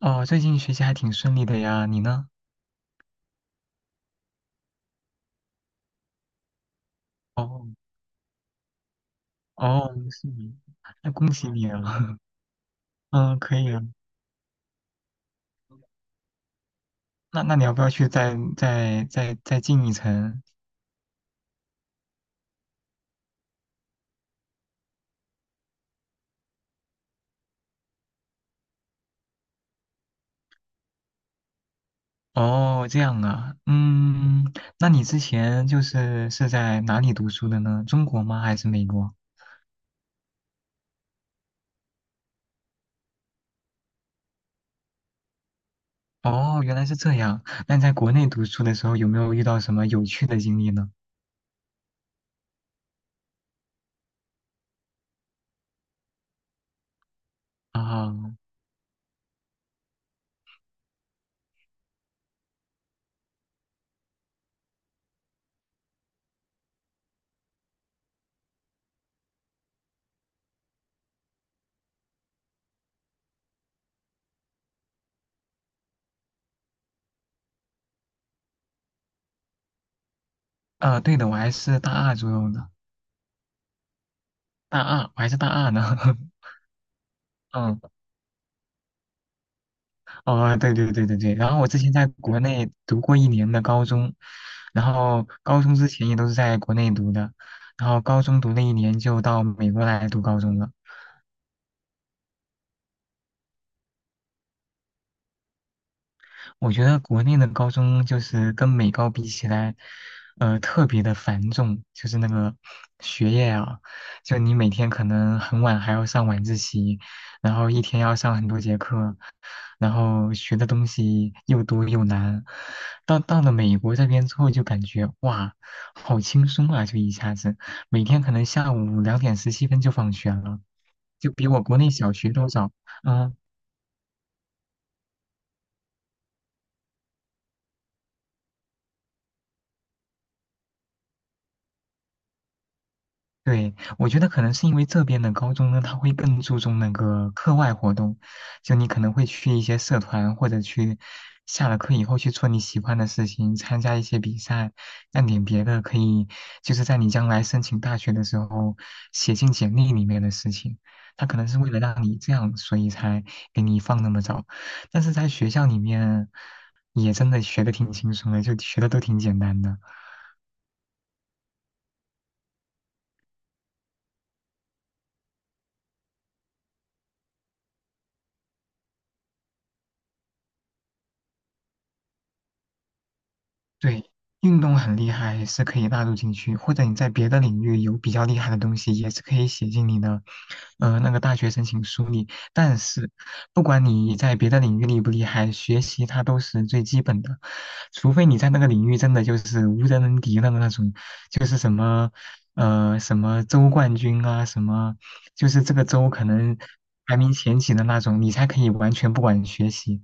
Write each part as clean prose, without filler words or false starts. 哦，最近学习还挺顺利的呀，你呢？哦哦，是你，那恭喜你啊！嗯，可以啊。那那你要不要去再进一层？哦，这样啊，嗯，那你之前是在哪里读书的呢？中国吗？还是美国？哦，原来是这样。那你在国内读书的时候有没有遇到什么有趣的经历呢？啊，对的，我还是大二左右的，大二，我还是大二呢。嗯哦，对对对对对。然后我之前在国内读过一年的高中，然后高中之前也都是在国内读的，然后高中读了一年就到美国来读高中了。我觉得国内的高中就是跟美高比起来，特别的繁重，就是那个学业啊，就你每天可能很晚还要上晚自习，然后一天要上很多节课，然后学的东西又多又难。到了美国这边之后，就感觉哇，好轻松啊，就一下子每天可能下午两点十七分就放学了，就比我国内小学都早。嗯、对，我觉得可能是因为这边的高中呢，他会更注重那个课外活动，就你可能会去一些社团，或者去下了课以后去做你喜欢的事情，参加一些比赛，干点别的，可以就是在你将来申请大学的时候写进简历里面的事情。他可能是为了让你这样，所以才给你放那么早。但是在学校里面，也真的学的挺轻松的，就学的都挺简单的。对，运动很厉害是可以纳入进去，或者你在别的领域有比较厉害的东西，也是可以写进你的，那个大学申请书里。但是，不管你在别的领域厉不厉害，学习它都是最基本的，除非你在那个领域真的就是无人能敌的那种，就是什么，什么州冠军啊，什么，就是这个州可能排名前几的那种，你才可以完全不管学习。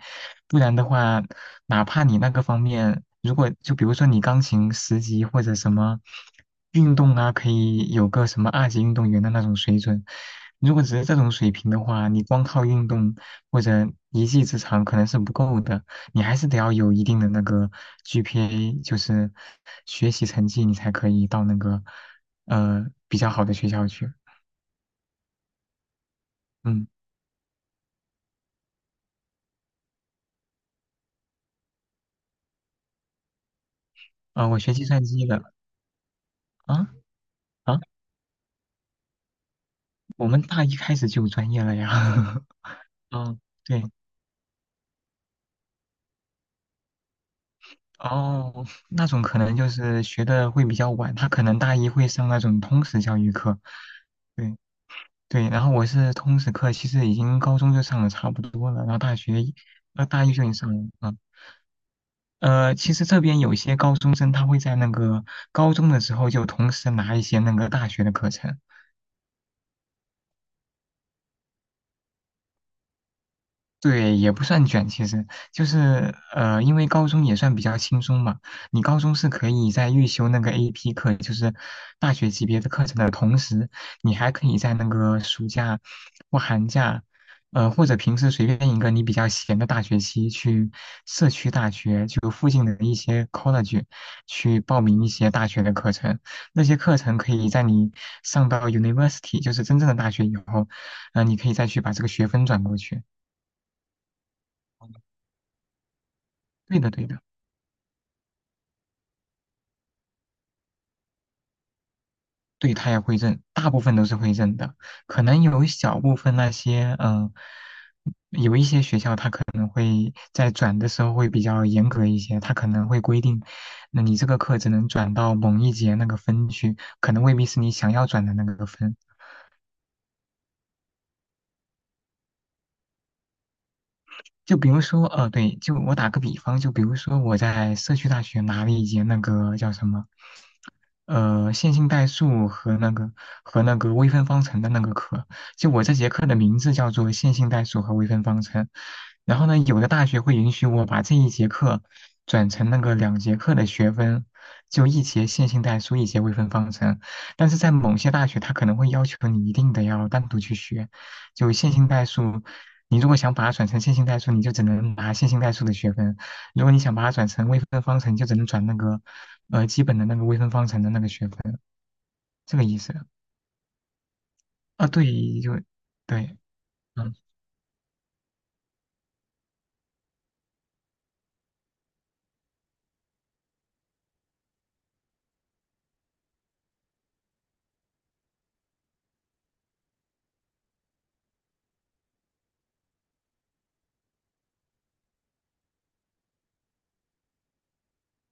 不然的话，哪怕你那个方面，如果就比如说你钢琴十级或者什么运动啊，可以有个什么二级运动员的那种水准，如果只是这种水平的话，你光靠运动或者一技之长可能是不够的，你还是得要有一定的那个 GPA，就是学习成绩，你才可以到那个比较好的学校去。嗯，啊、我学计算机的啊啊，我们大一开始就有专业了呀。嗯，对，哦，那种可能就是学的会比较晚，他可能大一会上那种通识教育课，对对，然后我是通识课，其实已经高中就上的差不多了，然后大学一大一就已经上了啊。其实这边有些高中生他会在那个高中的时候就同时拿一些那个大学的课程，对，也不算卷，其实就是因为高中也算比较轻松嘛。你高中是可以在预修那个 AP 课，就是大学级别的课程的同时，你还可以在那个暑假或寒假，或者平时随便一个你比较闲的大学期，去社区大学就附近的一些 college 去报名一些大学的课程。那些课程可以在你上到 university，就是真正的大学以后，你可以再去把这个学分转过去。对的，对的，对，他也会认，大部分都是会认的，可能有一小部分那些，嗯、有一些学校他可能会在转的时候会比较严格一些，他可能会规定，那你这个课只能转到某一节那个分区，可能未必是你想要转的那个分。就比如说，对，就我打个比方，就比如说我在社区大学拿了一节那个叫什么线性代数和那个微分方程的那个课，就我这节课的名字叫做线性代数和微分方程。然后呢，有的大学会允许我把这一节课转成那个两节课的学分，就一节线性代数，一节微分方程。但是在某些大学，它可能会要求你一定得要单独去学，就线性代数。你如果想把它转成线性代数，你就只能拿线性代数的学分；如果你想把它转成微分方程，你就只能转那个基本的那个微分方程的那个学分，这个意思啊？对，就对，嗯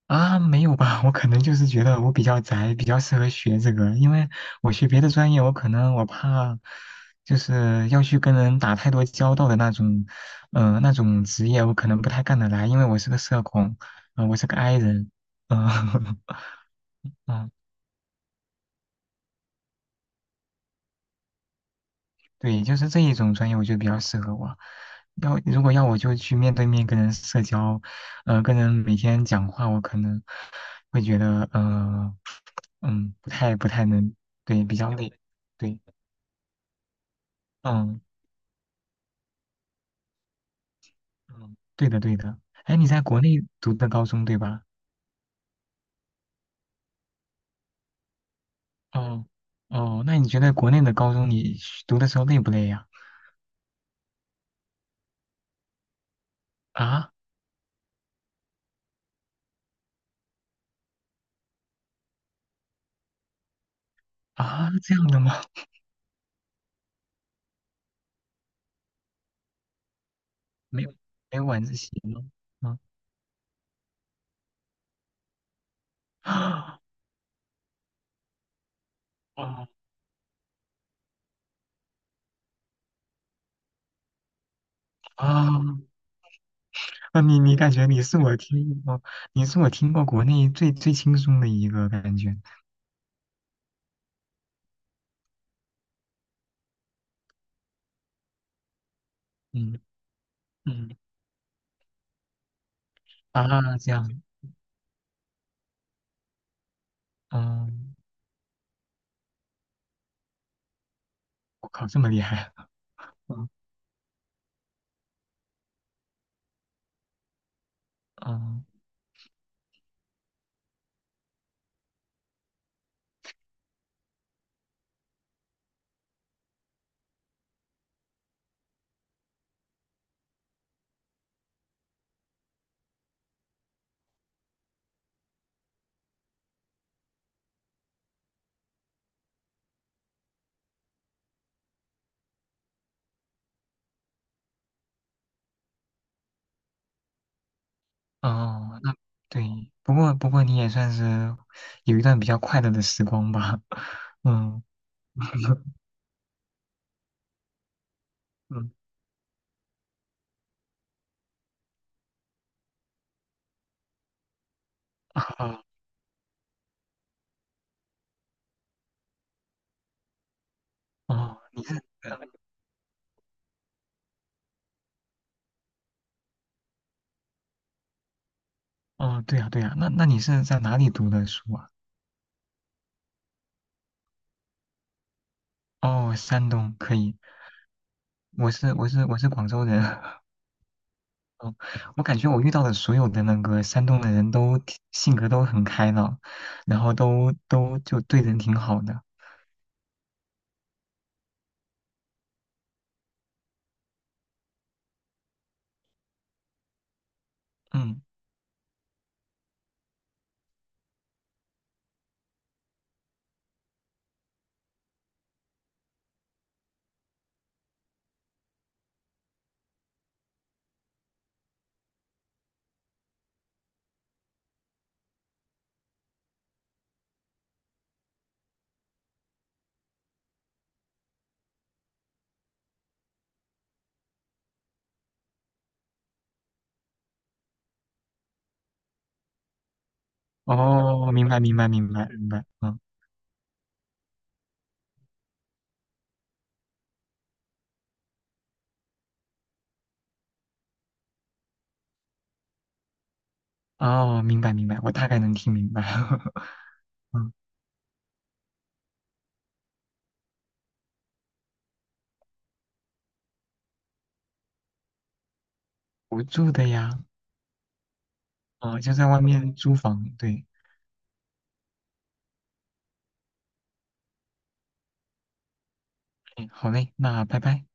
啊，没有吧？我可能就是觉得我比较宅，比较适合学这个，因为我学别的专业，我可能我怕就是要去跟人打太多交道的那种，那种职业我可能不太干得来，因为我是个社恐，我是个 i 人，嗯、嗯。对，就是这一种专业，我觉得比较适合我。要如果要我就去面对面跟人社交，跟人每天讲话，我可能会觉得，嗯，不太能，对，比较累。对，嗯嗯，对的对的。哎，你在国内读的高中对吧？哦哦，那你觉得国内的高中你学读的时候累不累呀？啊啊，这样的吗？没有没有晚自习吗？嗯啊 哦啊那你感觉你是我听过，你是我听过国内最轻松的一个感觉，嗯嗯啊这样，嗯，我靠这么厉害，嗯嗯哦那对，不过你也算是有一段比较快乐的时光吧，嗯嗯啊哦你是哦对呀对呀，那那你是在哪里读的书啊？哦山东可以，我是广州人，嗯，我感觉我遇到的所有的那个山东的人都挺性格都很开朗，然后都就对人挺好的。嗯，哦，明白明白明白明白，嗯，哦，明白明白，我大概能听明白。嗯，我住的呀，哦，就在外面租房。对，嗯，好嘞，那拜拜。